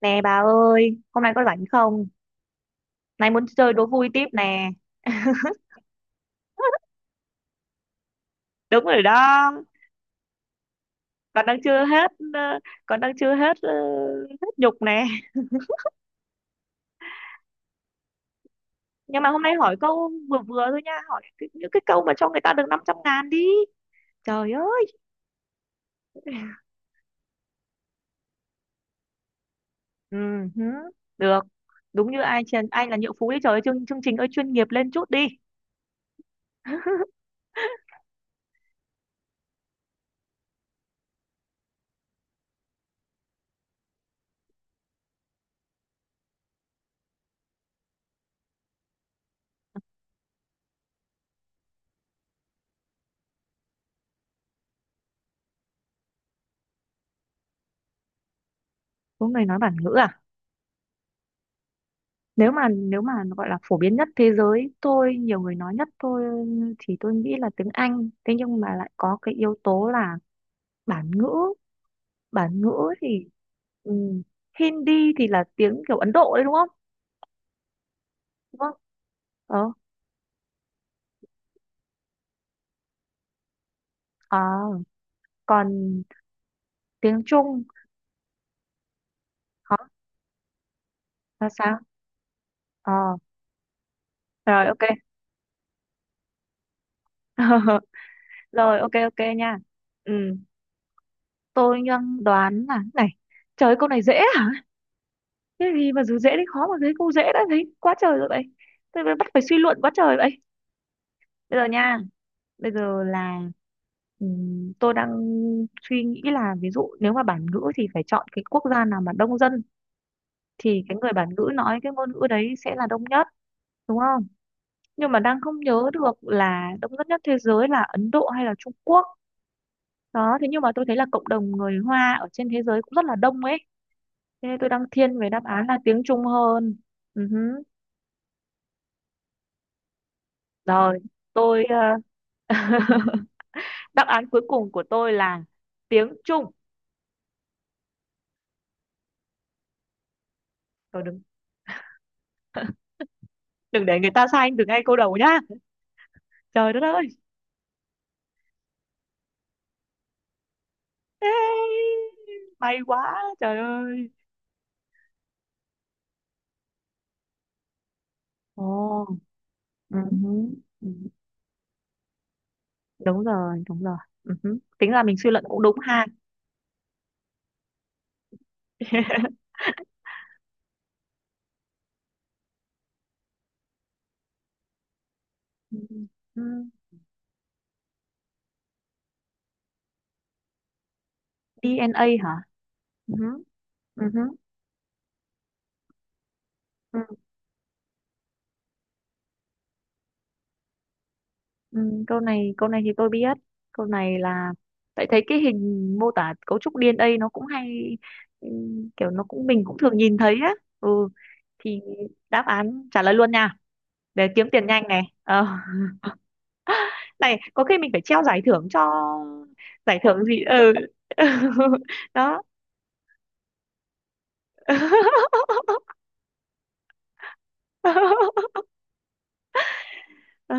Nè bà ơi, hôm nay có rảnh không? Nay muốn chơi đố vui tiếp nè. Đúng rồi đó, còn đang chưa hết, còn đang chưa hết hết nhục nè. Nhưng mà hôm nay hỏi câu vừa vừa thôi nha, những cái câu mà cho người ta được 500.000 đi. Trời ơi, ừ, hứ, được. Đúng như ai trên, anh là nhượng phú đi trời ơi, chương trình ơi chuyên nghiệp lên chút đi. Có người nói bản ngữ à? Nếu mà gọi là phổ biến nhất thế giới tôi nhiều người nói nhất tôi thì tôi nghĩ là tiếng Anh. Thế nhưng mà lại có cái yếu tố là bản ngữ. Bản ngữ thì ừm, Hindi thì là tiếng kiểu Ấn Độ đấy đúng không, đúng không? ờ À, còn tiếng Trung hả, là sao? ờ Rồi, ok. Rồi, ok ok nha. Ừ, tôi đang đoán là này. Trời ơi, câu này dễ à? Cái gì mà dù dễ đến khó mà thấy câu dễ đã thấy quá trời rồi vậy, tôi mới bắt phải suy luận quá trời vậy. Bây giờ nha, bây giờ là tôi đang suy nghĩ là ví dụ nếu mà bản ngữ thì phải chọn cái quốc gia nào mà đông dân, thì cái người bản ngữ nói cái ngôn ngữ đấy sẽ là đông nhất, đúng không? Nhưng mà đang không nhớ được là đông dân nhất thế giới là Ấn Độ hay là Trung Quốc đó. Thế nhưng mà tôi thấy là cộng đồng người Hoa ở trên thế giới cũng rất là đông ấy, thế nên tôi đang thiên về đáp án là tiếng Trung hơn. Ừ hứ. Rồi, tôi đáp án cuối cùng của tôi là tiếng Trung. Rồi, đừng đừng để người ta sai anh từ ngay câu đầu nhá. Trời đất ơi. Ê, may quá trời ơi. Ồ. Ừ hứ, ừ, đúng rồi đúng rồi. Ừ hứ. Tính ra mình suy luận cũng đúng ha. Ừ, ừ, DNA hả? Ừ hứ, ừ hứ, ừ, ừ, câu này thì tôi biết. Câu này là tại thấy cái hình mô tả cấu trúc DNA nó cũng hay. Ừ, kiểu nó cũng mình cũng thường nhìn thấy á. Ừ, thì đáp án trả lời luôn nha, để kiếm tiền nhanh này ờ. Này có khi mình phải treo giải thưởng cho. Giải thưởng gì? Ừ. Đó. Ờ,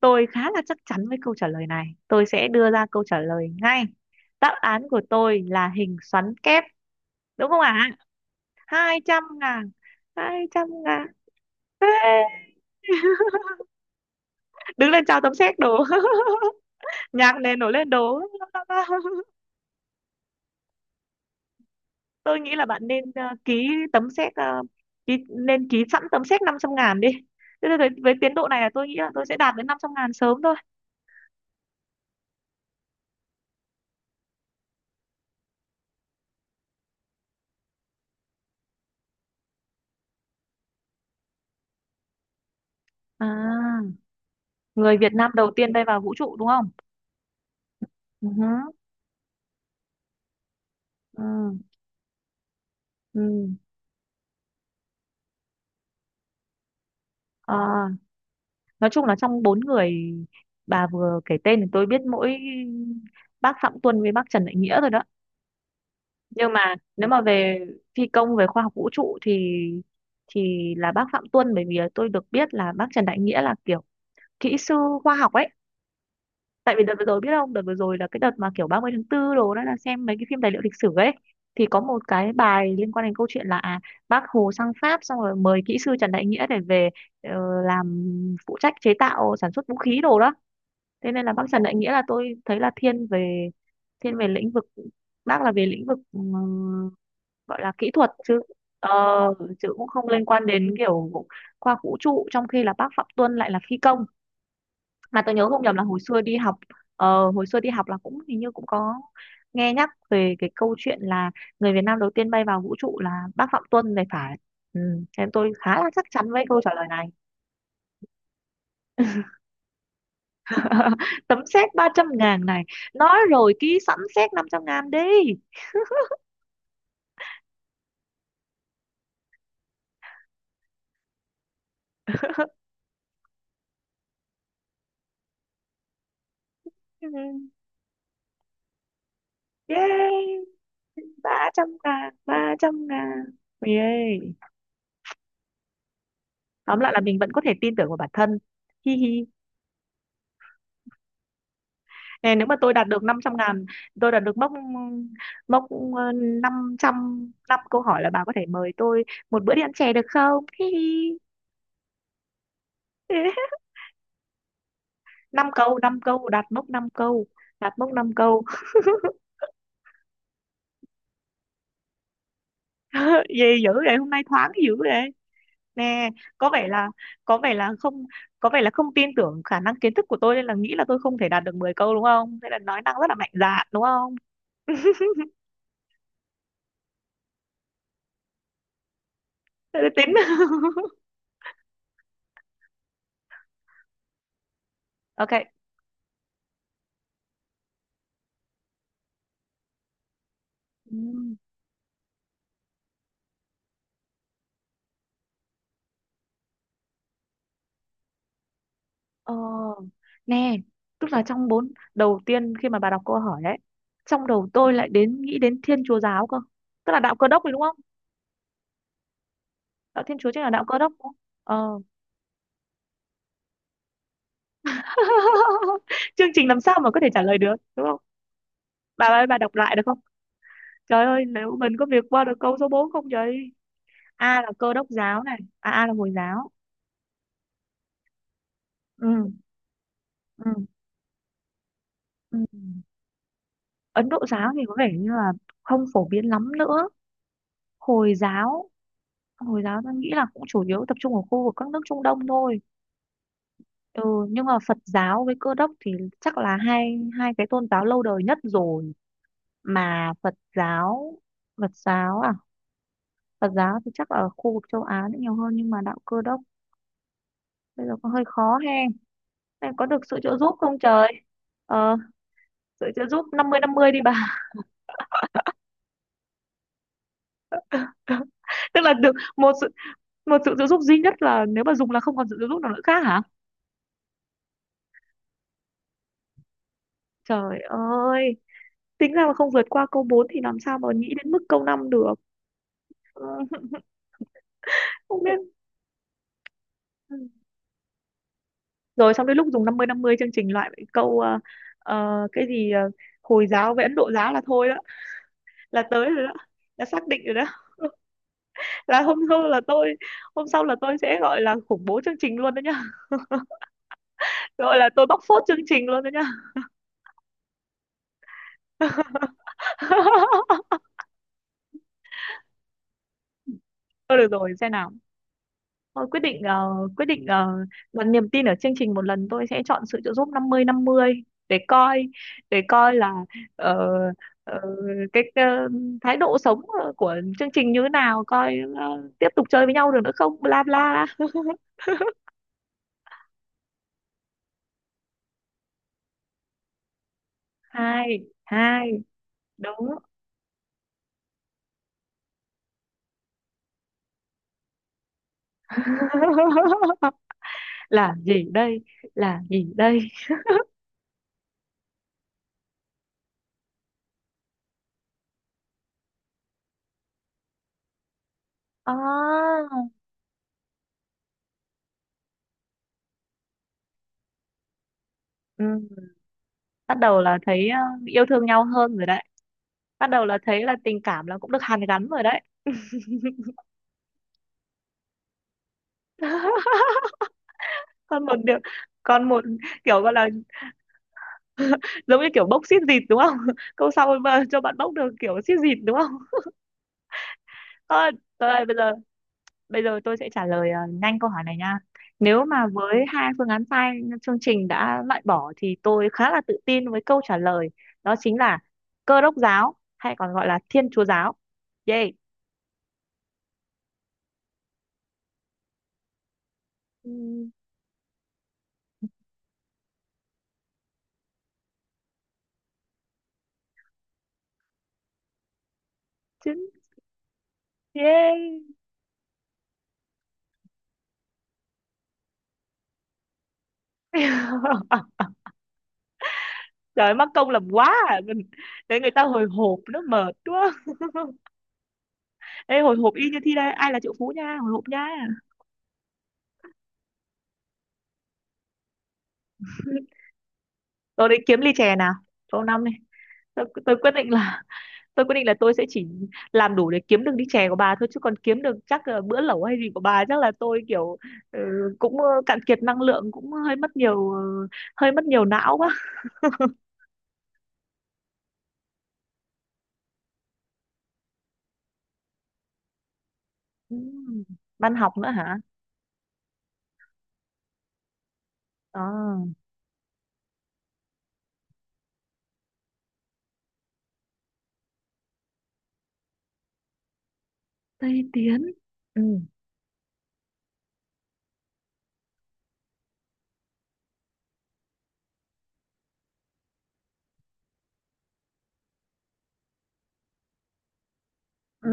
tôi khá là chắc chắn với câu trả lời này, tôi sẽ đưa ra câu trả lời ngay. Đáp án của tôi là hình xoắn kép, đúng không ạ? 200.000, hai trăm ngàn. Đứng lên chào tấm séc đồ. Nhạc nền nổi lên đồ. Tôi nghĩ là bạn nên ký tấm séc ký, nên ký sẵn tấm séc 500.000 đi. Thế thì với tiến độ này là tôi nghĩ là tôi sẽ đạt đến 500.000 sớm thôi. À, người Việt Nam đầu tiên bay vào vũ trụ, đúng không? Ừ, hứ, ừ, ừ. Ờ, nói chung là trong bốn người bà vừa kể tên thì tôi biết mỗi bác Phạm Tuân với bác Trần Đại Nghĩa rồi đó. Nhưng mà nếu mà về phi công, về khoa học vũ trụ thì là bác Phạm Tuân, bởi vì tôi được biết là bác Trần Đại Nghĩa là kiểu kỹ sư khoa học ấy. Tại vì đợt vừa rồi biết không, đợt vừa rồi là cái đợt mà kiểu 30 tháng tư đồ đó là xem mấy cái phim tài liệu lịch sử ấy, thì có một cái bài liên quan đến câu chuyện là bác Hồ sang Pháp xong rồi mời kỹ sư Trần Đại Nghĩa để về ờ, làm phụ trách chế tạo sản xuất vũ khí đồ đó. Thế nên là bác Trần Đại Nghĩa là tôi thấy là thiên về lĩnh vực, bác là về lĩnh vực ừ, gọi là kỹ thuật chứ, ờ, chứ cũng không liên quan đến kiểu khoa học vũ trụ, trong khi là bác Phạm Tuân lại là phi công. Mà tôi nhớ không nhầm là hồi xưa đi học, hồi xưa đi học là cũng hình như cũng có nghe nhắc về cái câu chuyện là người Việt Nam đầu tiên bay vào vũ trụ là bác Phạm Tuân này phải. Ừ, thế tôi khá là chắc chắn với câu trả lời này. Tấm séc 300.000 này. Nói rồi, ký sẵn séc 500.000 đi. Ừ, yeah. 300.000, ba trăm ngàn. Yeah. Tóm lại là mình vẫn có thể tin tưởng vào bản thân. Hi hi. Nè, nếu mà tôi đạt được 500.000, tôi đạt được mốc, mốc ờ, năm trăm, năm câu hỏi, là bà có thể mời tôi một bữa đi ăn chè được không? Hi hi. 5 câu, 5 câu, đạt mốc 5 câu, đạt mốc 5 câu. Gì dữ vậy, hôm nay thoáng dữ vậy. Nè, có vẻ là có vẻ là không có vẻ là không tin tưởng khả năng kiến thức của tôi nên là nghĩ là tôi không thể đạt được 10 câu đúng không? Thế là nói năng rất là mạnh dạn đúng không? Thế là tính. Ok. Ừ. Ờ, nè, tức là trong bốn đầu tiên khi mà bà đọc câu hỏi ấy, trong đầu tôi lại đến nghĩ đến Thiên Chúa giáo cơ. Tức là đạo Cơ đốc rồi đúng không? Đạo Thiên Chúa chính là đạo Cơ đốc đúng không? Ờ. Chương trình làm sao mà có thể trả lời được, đúng không? Bà ơi, bà đọc lại được không? Trời ơi, nếu mình có việc qua được câu số 4 không vậy. A là Cơ đốc giáo này, à, A là Hồi giáo. Ừ, ừ, ừ. Ấn Độ giáo thì có vẻ như là không phổ biến lắm nữa. Hồi giáo, Hồi giáo tôi nghĩ là cũng chủ yếu tập trung ở khu vực các nước Trung Đông thôi. Ừ, nhưng mà Phật giáo với Cơ đốc thì chắc là hai hai cái tôn giáo lâu đời nhất rồi. Mà Phật giáo à, Phật giáo thì chắc ở khu vực châu Á nữa nhiều hơn, nhưng mà đạo Cơ đốc bây giờ có hơi khó he. Em có được sự trợ giúp không trời? Ờ, sự trợ giúp 50-50 đi bà. Tức là được một sự, một sự trợ giúp duy nhất là nếu mà dùng là không còn sự trợ giúp nào nữa khác hả? Trời ơi. Tính ra mà không vượt qua câu 4 thì làm sao mà nghĩ đến mức câu 5 được. Ừ, không biết. Ừ. Rồi xong đến lúc dùng 50-50 chương trình loại mấy câu ờ, cái gì ờ, Hồi giáo với Ấn Độ giáo là thôi đó, là tới rồi đó, là xác định rồi đó. Là hôm sau là tôi, hôm sau là tôi sẽ gọi là khủng bố chương trình luôn đó nhá, gọi là tôi bóc phốt chương trình luôn đó nhá. Thôi được rồi xem nào. Tôi quyết định quyết định đặt niềm tin ở chương trình một lần, tôi sẽ chọn sự trợ giúp năm mươi năm mươi, để coi, để coi là ờ, ờ, cái ờ, thái độ sống của chương trình như thế nào, coi tiếp tục chơi với nhau được nữa không, bla bla. Hai, hai. Đúng. Là gì đây, là gì đây? À, ừ. Bắt đầu là thấy yêu thương nhau hơn rồi đấy, bắt đầu là thấy là tình cảm là cũng được hàn gắn rồi đấy. Còn một điều, còn một, kiểu gọi là giống như kiểu bốc xít dịt đúng không? Câu sau mà cho bạn bốc được kiểu xít dịt đúng không? Thôi tôi ơi, bây giờ tôi sẽ trả lời nhanh câu hỏi này nha. Nếu mà với hai phương án sai chương trình đã loại bỏ thì tôi khá là tự tin với câu trả lời, đó chính là Cơ đốc giáo hay còn gọi là Thiên Chúa giáo. Yay. Ừm, chứ- yay. Trời ơi, mắc công làm quá à. Mình- đấy người ta hồi hộp nó mệt quá. Ê, hồi hộp y như thi đây Ai là triệu phú nha. Hồi hộp nha. Tôi đấy kiếm ly chè nào. Cho năm này, tôi quyết định là, tôi quyết định là tôi sẽ chỉ làm đủ để kiếm được ly chè của bà thôi. Chứ còn kiếm được chắc là bữa lẩu hay gì của bà, chắc là tôi kiểu ừ, cũng cạn kiệt năng lượng, cũng hơi mất nhiều hơi mất nhiều não quá. Ừ. Văn học nữa hả? à, Tây Tiến. Ừ. Ừ.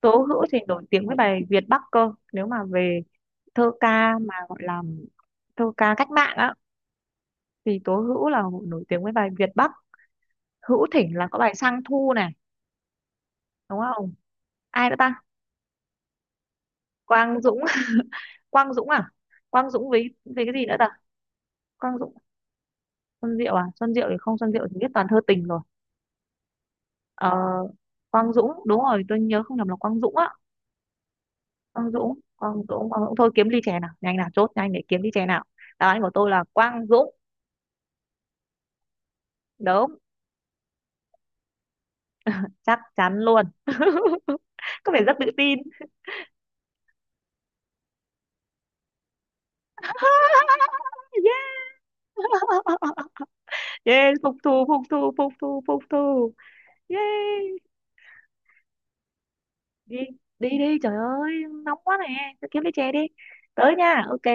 Tố Hữu thì nổi tiếng với bài Việt Bắc cơ. Nếu mà về thơ ca mà gọi là thơ ca cách mạng á, thì Tố Hữu là nổi tiếng với bài Việt Bắc. Hữu Thỉnh là có bài Sang Thu này, đúng không? Ai nữa ta? Quang Dũng. Quang Dũng à? Quang Dũng với cái gì nữa ta? Quang Dũng. Xuân Diệu à? Xuân Diệu thì không, Xuân Diệu thì biết toàn thơ tình rồi. Ờ, Quang Dũng đúng rồi, tôi nhớ không nhầm là Quang Dũng á. Quang Dũng, Quang Dũng, Quang Dũng, thôi kiếm ly chè nào, nhanh nào, chốt nhanh để kiếm ly chè nào. Đáp án của tôi là Quang Dũng. Đúng. Chắc chắn luôn. Có vẻ rất tự tin. Yeah. Yeah, phục thù phục thù phục thù phục thù. Yeah. Đi, đi đi trời ơi nóng quá nè. Tao kiếm lấy chè đi. Tới nha. Ok.